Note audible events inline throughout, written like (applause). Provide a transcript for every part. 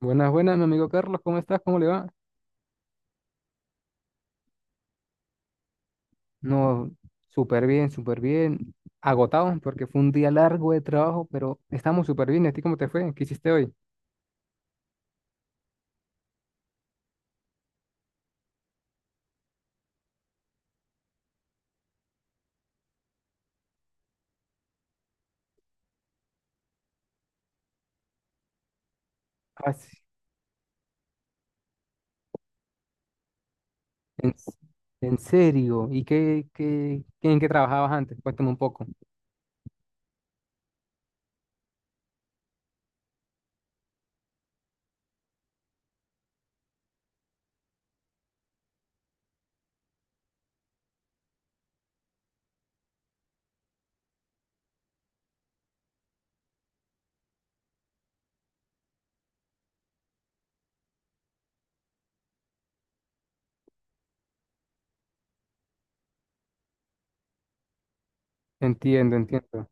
Buenas, buenas, mi amigo Carlos, ¿cómo estás? ¿Cómo le va? No, súper bien, súper bien. Agotado porque fue un día largo de trabajo, pero estamos súper bien. ¿Y a ti cómo te fue? ¿Qué hiciste hoy? Ah, sí, en, s- en serio. ¿Y en qué trabajabas antes? Cuéntame un poco. Entiendo, entiendo.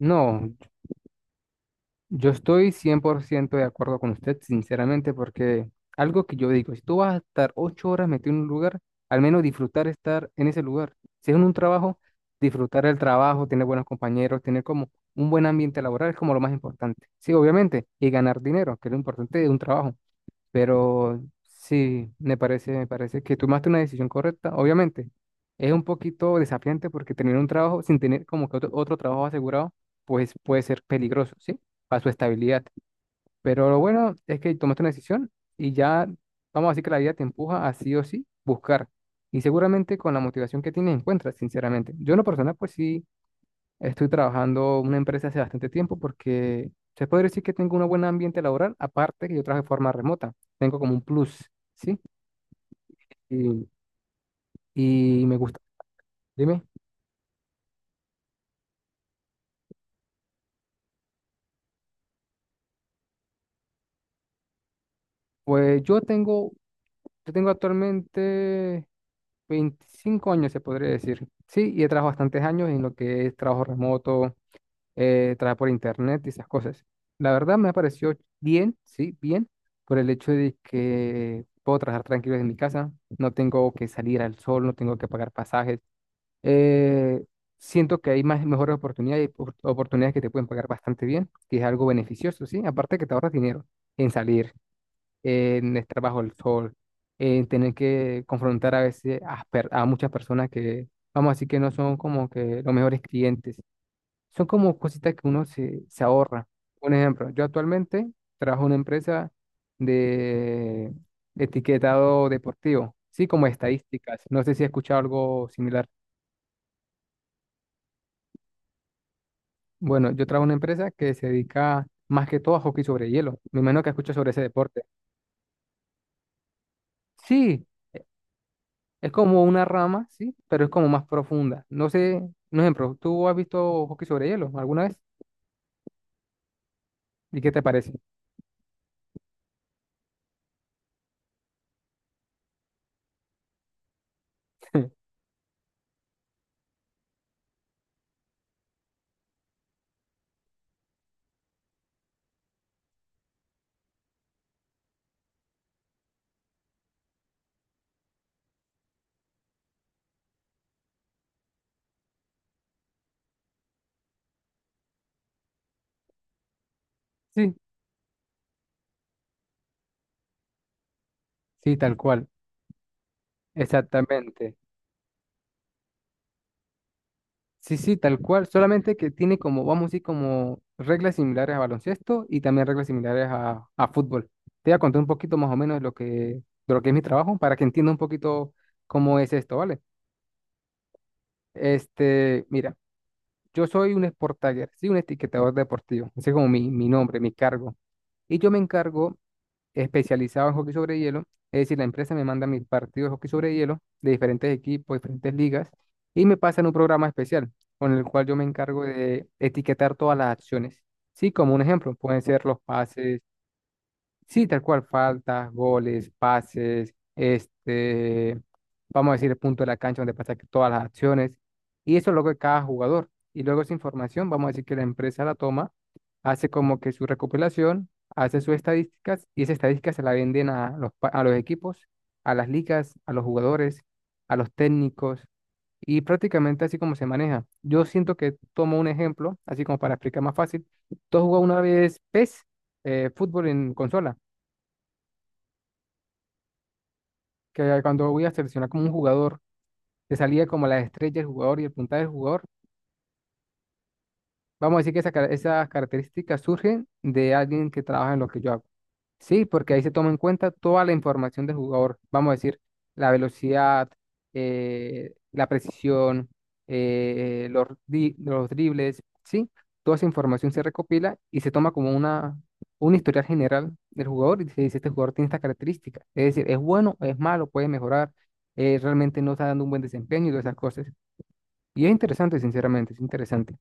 No, yo estoy 100% de acuerdo con usted, sinceramente, porque algo que yo digo, si tú vas a estar 8 horas metido en un lugar, al menos disfrutar estar en ese lugar. Si es en un trabajo, disfrutar el trabajo, tener buenos compañeros, tener como un buen ambiente laboral es como lo más importante. Sí, obviamente, y ganar dinero, que es lo importante de un trabajo. Pero sí, me parece que tomaste una decisión correcta. Obviamente, es un poquito desafiante porque tener un trabajo sin tener como que otro trabajo asegurado, pues puede ser peligroso, ¿sí? Para su estabilidad. Pero lo bueno es que tomaste una decisión y ya, vamos a decir que la vida te empuja a sí o sí buscar. Y seguramente con la motivación que tienes encuentras, sinceramente. Yo en lo personal, pues sí. Estoy trabajando en una empresa hace bastante tiempo porque se podría decir que tengo un buen ambiente laboral, aparte que yo trabajo de forma remota. Tengo como un plus, ¿sí? Y, y me gusta. Dime, pues yo tengo actualmente 25 años, se podría decir, ¿sí? Y he trabajado bastantes años en lo que es trabajo remoto, trabajar por internet y esas cosas. La verdad me ha parecido bien, sí, bien, por el hecho de que puedo trabajar tranquilo desde mi casa, no tengo que salir al sol, no tengo que pagar pasajes. Eh, Siento que hay mejores oportunidades que te pueden pagar bastante bien, que es algo beneficioso, sí, aparte que te ahorras dinero en salir, en estar bajo el sol, en tener que confrontar a veces a muchas personas que, vamos a decir que no son como que los mejores clientes son como cositas que se ahorra. Un ejemplo, yo actualmente trabajo en una empresa de etiquetado deportivo, sí, como estadísticas. No sé si he escuchado algo similar. Bueno, yo trabajo en una empresa que se dedica más que todo a hockey sobre hielo. Me imagino que escuchado sobre ese deporte. Sí, e- es como una rama, sí, pero es como más profunda. No sé, un ejemplo, ¿tú has visto hockey sobre hielo alguna vez? ¿Y qué te parece? (laughs) Sí, sí, tal cual, exactamente. Sí, sí, tal cual, solamente que tiene como, vamos a decir, como reglas similares a baloncesto y también reglas similares a fútbol. Te voy a contar un poquito más o menos de de lo que es mi trabajo para que entienda un poquito cómo es esto, ¿vale? Este, mira, yo soy un sport tagger, sí, un etiquetador deportivo, ese es como mi nombre, mi cargo. Y yo me encargo especializado en hockey sobre hielo, es decir, la empresa me manda mis partidos de hockey sobre hielo de diferentes equipos, diferentes ligas, y me pasan un programa especial con el cual yo me encargo de etiquetar todas las acciones. Sí, como un ejemplo, pueden ser los pases. Sí, tal cual, faltas, goles, pases, este, vamos a decir el punto de la cancha donde pasa que todas las acciones, y eso es lo que cada jugador. Y luego esa información, vamos a decir que la empresa la toma, hace como que su recopilación, hace sus estadísticas, y esas estadísticas se la venden a a los equipos, a las ligas, a los jugadores, a los técnicos, y prácticamente así como se maneja. Yo siento que tomo un ejemplo, así como para explicar más fácil. Tú has jugado una vez PES, fútbol en consola, que cuando voy a seleccionar como un jugador, te salía como la estrella del jugador y el puntaje del jugador. Vamos a decir que esas características surgen de alguien que trabaja en lo que yo hago. Sí, porque ahí se toma en cuenta toda la información del jugador. Vamos a decir, la velocidad, la precisión, los dribles, sí. Toda esa información se recopila y se toma como un historial general del jugador y se dice, este jugador tiene estas características. Es decir, es bueno, es malo, puede mejorar, realmente no está dando un buen desempeño y todas esas cosas. Y es interesante, sinceramente, es interesante.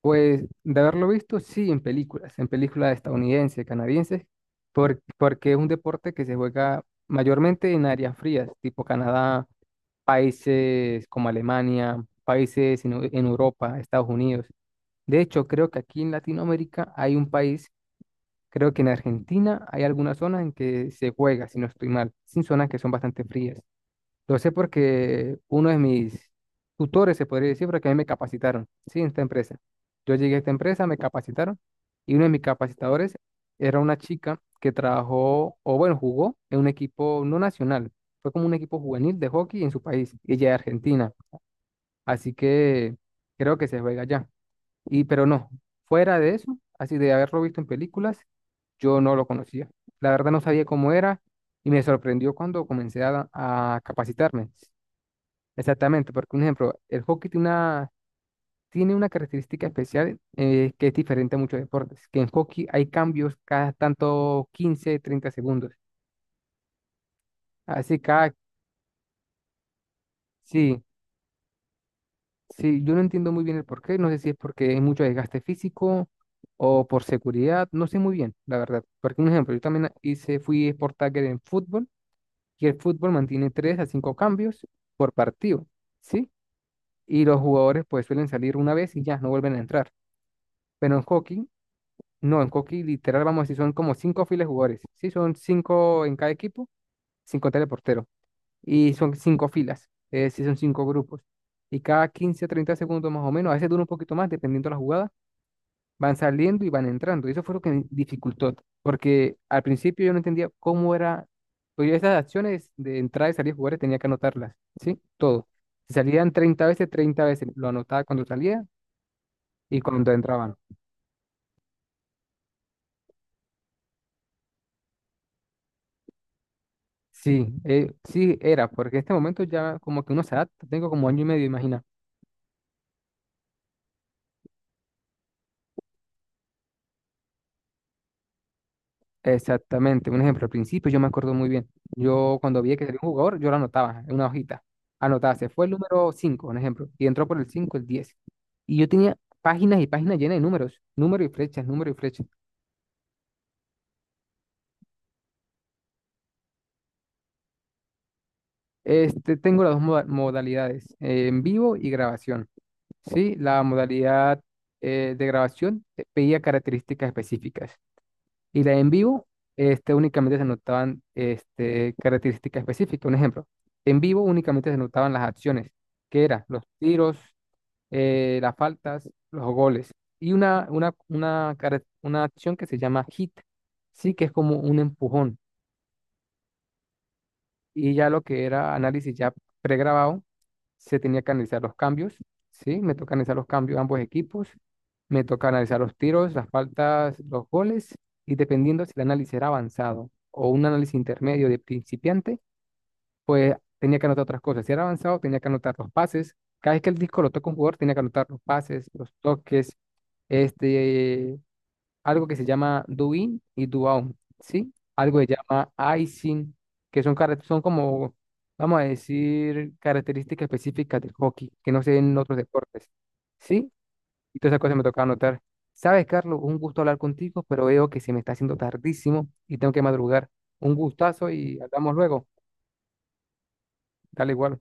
Pues de haberlo visto, sí, en películas estadounidenses, canadienses, porque es un deporte que se juega mayormente en áreas frías, tipo Canadá, países como Alemania, países en Europa, Estados Unidos. De hecho, creo que aquí en Latinoamérica hay un país, creo que en Argentina hay algunas zonas en que se juega, si no estoy mal, sin zonas que son bastante frías. Lo sé porque uno de mis tutores, se podría decir, porque a mí me capacitaron, sí, en esta empresa. Yo llegué a esta empresa, me capacitaron y uno de mis capacitadores era una chica que trabajó, o bueno, jugó en un equipo no nacional, fue como un equipo juvenil de hockey en su país, y ella es argentina, así que creo que se juega allá. Y pero no, fuera de eso, así de haberlo visto en películas, yo no lo conocía. La verdad no sabía cómo era y me sorprendió cuando comencé a capacitarme. Exactamente, porque un ejemplo, el hockey tiene tiene una característica especial que es diferente a muchos deportes, que en hockey hay cambios cada tanto 15, 30 segundos. Así cada, sí, sí, yo no entiendo muy bien el porqué, no sé si es porque hay mucho desgaste físico o por seguridad, no sé muy bien, la verdad. Porque un ejemplo, yo también hice, fui sport tagger en fútbol y el fútbol mantiene 3 a 5 cambios por partido, ¿sí? Y los jugadores pues suelen salir una vez y ya, no vuelven a entrar. Pero en hockey, no, en Coqui literal vamos a decir son como cinco filas de jugadores. Sí, son cinco en cada equipo, cinco teleporteros. Y son cinco filas, es decir, son cinco grupos. Y cada 15 a 30 segundos más o menos, a veces dura un poquito más, dependiendo de la jugada, van saliendo y van entrando. Y eso fue lo que me dificultó, porque al principio yo no entendía cómo era, pues yo esas acciones de entrada y salir de jugadores tenía que anotarlas, ¿sí? Todo. Si salían 30 veces, 30 veces lo anotaba cuando salía y cuando entraban. Sí, sí era, porque en este momento ya como que uno se adapta, tengo como año y medio, imagina. Exactamente, un ejemplo, al principio yo me acuerdo muy bien, yo cuando vi que salió un jugador, yo lo anotaba en una hojita, anotaba, se fue el número 5, un ejemplo, y entró por el 5, el 10, y yo tenía páginas y páginas llenas de números, número y flechas, número y flechas. Este, tengo las modalidades, en vivo y grabación, ¿sí? La modalidad de grabación pedía características específicas. Y la en vivo, este, únicamente se notaban este, características específicas. Un ejemplo, en vivo únicamente se notaban las acciones, que eran los tiros, las faltas, los goles. Y una acción que se llama hit, sí, que es como un empujón. Y ya lo que era análisis ya pregrabado, se tenía que analizar los cambios, ¿sí? Me toca analizar los cambios de ambos equipos, me toca analizar los tiros, las faltas, los goles, y dependiendo si el análisis era avanzado o un análisis intermedio de principiante, pues tenía que anotar otras cosas. Si era avanzado, tenía que anotar los pases. Cada vez que el disco lo toca un jugador, tenía que anotar los pases, los toques, este, algo que se llama do in y do out, ¿sí? Algo que se llama icing, que son como, vamos a decir, características específicas del hockey, que no se ven en otros deportes, ¿sí? Y todas esas cosas me toca anotar. Sabes, Carlos, un gusto hablar contigo, pero veo que se me está haciendo tardísimo y tengo que madrugar. Un gustazo y hablamos luego. Dale igual.